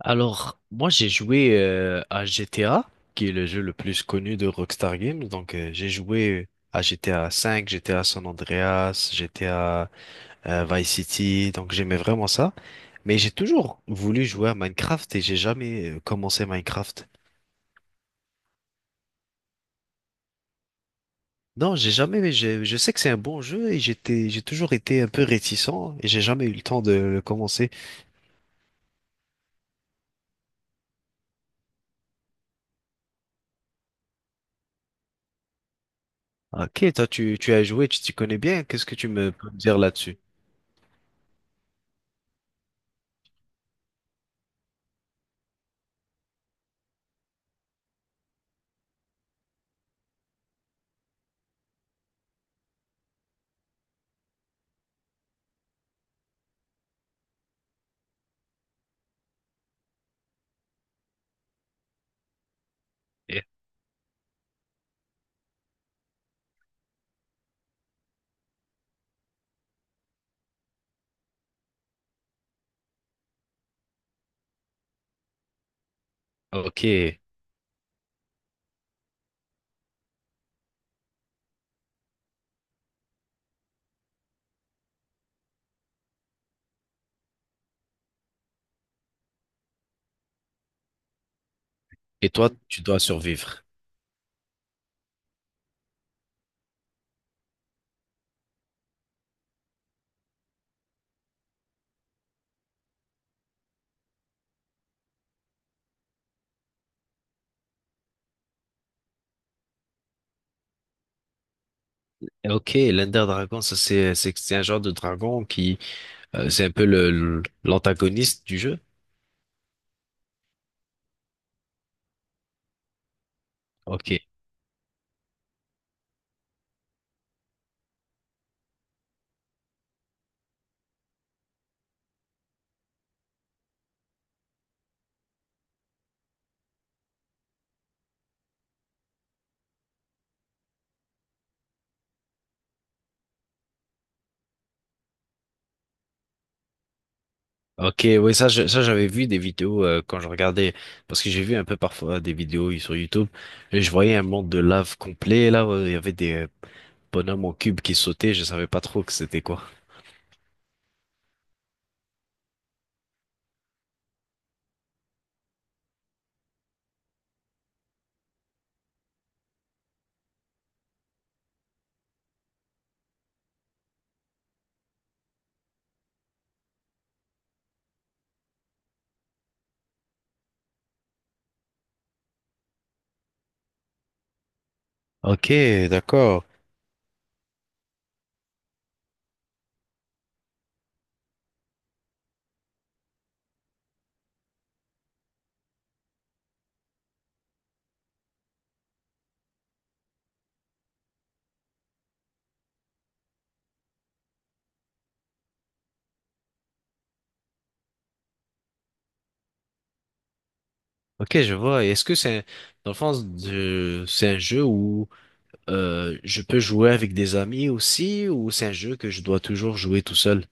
Alors, moi j'ai joué à GTA, qui est le jeu le plus connu de Rockstar Games. Donc j'ai joué à GTA V, GTA San Andreas, GTA Vice City. Donc j'aimais vraiment ça. Mais j'ai toujours voulu jouer à Minecraft et j'ai jamais commencé Minecraft. Non, j'ai jamais. Je sais que c'est un bon jeu et j'ai toujours été un peu réticent et j'ai jamais eu le temps de le commencer. Ok, toi tu as joué, tu t'y connais bien. Qu'est-ce que tu me dire là-dessus? Eh. Ok. Et toi, tu dois survivre. Ok, l'Ender Dragon, ça c'est un genre de dragon qui c'est un peu l'antagoniste du jeu. Ok, ok, oui ça ça j'avais vu des vidéos quand je regardais parce que j'ai vu un peu parfois des vidéos sur YouTube et je voyais un monde de lave complet là où il y avait des bonhommes en cube qui sautaient, je savais pas trop que c'était quoi. Ok, d'accord. Ok, je vois. Et est-ce que c'est dans c'est un jeu où je peux jouer avec des amis aussi ou c'est un jeu que je dois toujours jouer tout seul?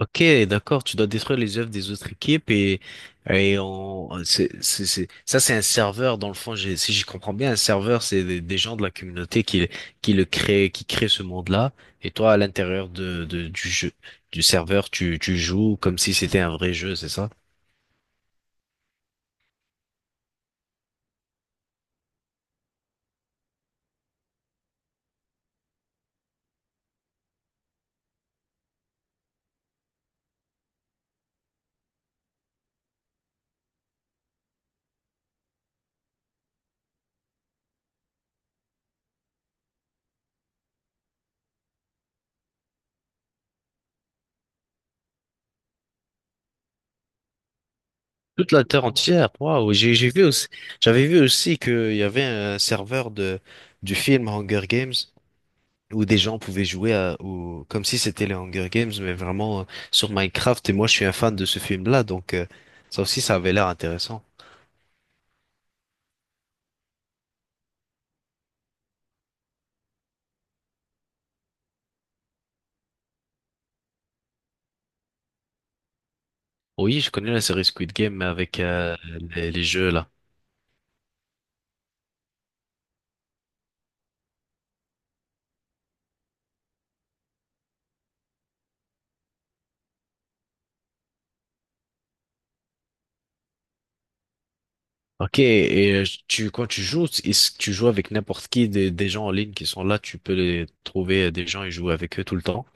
Ok, d'accord, tu dois détruire les œuvres des autres équipes et, ça c'est un serveur dans le fond, si j'y comprends bien, un serveur c'est des gens de la communauté qui le créent, qui créent ce monde-là et toi à l'intérieur du jeu, du serveur, tu joues comme si c'était un vrai jeu, c'est ça? Toute la terre entière, waouh, j'ai vu aussi, j'avais vu aussi qu'il y avait un serveur de, du film Hunger Games où des gens pouvaient jouer à, comme si c'était les Hunger Games, mais vraiment sur Minecraft. Et moi, je suis un fan de ce film-là, donc ça aussi, ça avait l'air intéressant. Oui, je connais la série Squid Game, mais avec les jeux là. Ok, et tu quand tu joues, est-ce que tu joues avec n'importe qui des gens en ligne qui sont là, tu peux les trouver des gens et jouer avec eux tout le temps?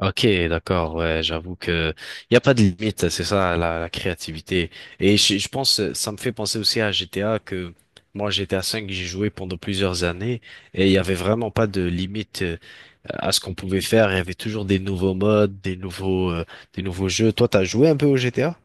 Ok, d'accord, ouais, j'avoue que il n'y a pas de limite, c'est ça la créativité. Et je pense, ça me fait penser aussi à GTA que moi GTA 5 j'ai joué pendant plusieurs années et il y avait vraiment pas de limite à ce qu'on pouvait faire. Il y avait toujours des nouveaux modes, des nouveaux jeux. Toi, t'as joué un peu au GTA?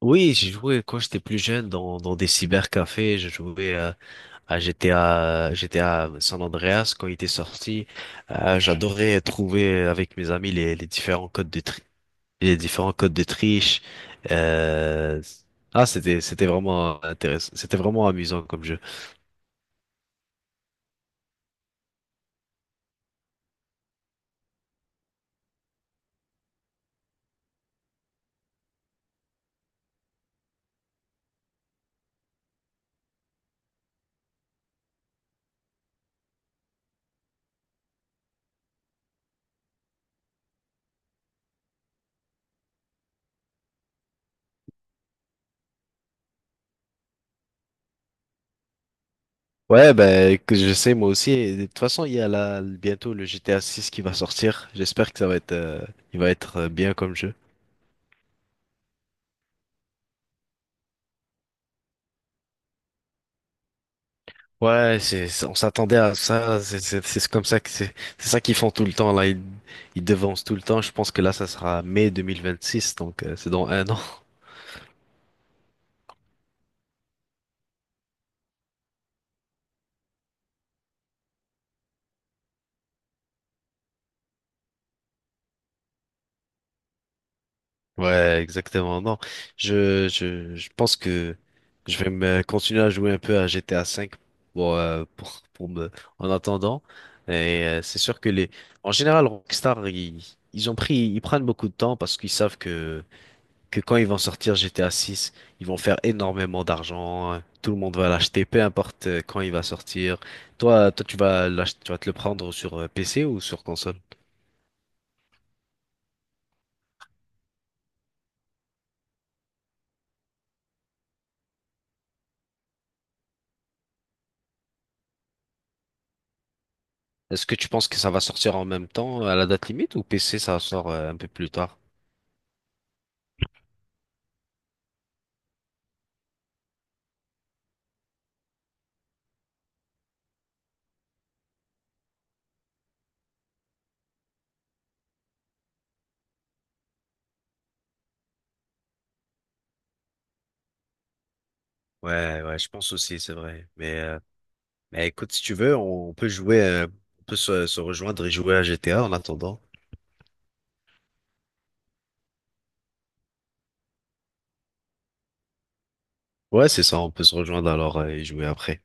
Oui, j'ai joué quand j'étais plus jeune dans des cybercafés. J'ai joué à GTA, GTA San Andreas quand il était sorti. J'adorais trouver avec mes amis les différents codes de tri- les différents codes de triche. Euh, Ah, c'était vraiment intéressant. C'était vraiment amusant comme jeu. Ouais, ben, que je sais, moi aussi. Et de toute façon, il y a là, bientôt le GTA 6 qui va sortir. J'espère que ça va être, il va être bien comme jeu. Ouais, on s'attendait à ça. C'est comme ça que c'est ça qu'ils font tout le temps, là. Ils devancent tout le temps. Je pense que là, ça sera mai 2026, donc, c'est dans un an. Ouais, exactement. Non, je pense que je vais me continuer à jouer un peu à GTA V pour, pour me, en attendant. Et c'est sûr que en général, Rockstar, ils, ils prennent beaucoup de temps parce qu'ils savent que quand ils vont sortir GTA 6, ils vont faire énormément d'argent. Tout le monde va l'acheter, peu importe quand il va sortir. Toi, tu vas tu vas te le prendre sur PC ou sur console? Est-ce que tu penses que ça va sortir en même temps à la date limite ou PC ça sort un peu plus tard? Ouais, ouais, je pense aussi, c'est vrai. Mais écoute, si tu veux, on peut jouer, on peut se rejoindre et jouer à GTA en attendant. Ouais, c'est ça, on peut se rejoindre alors et jouer après.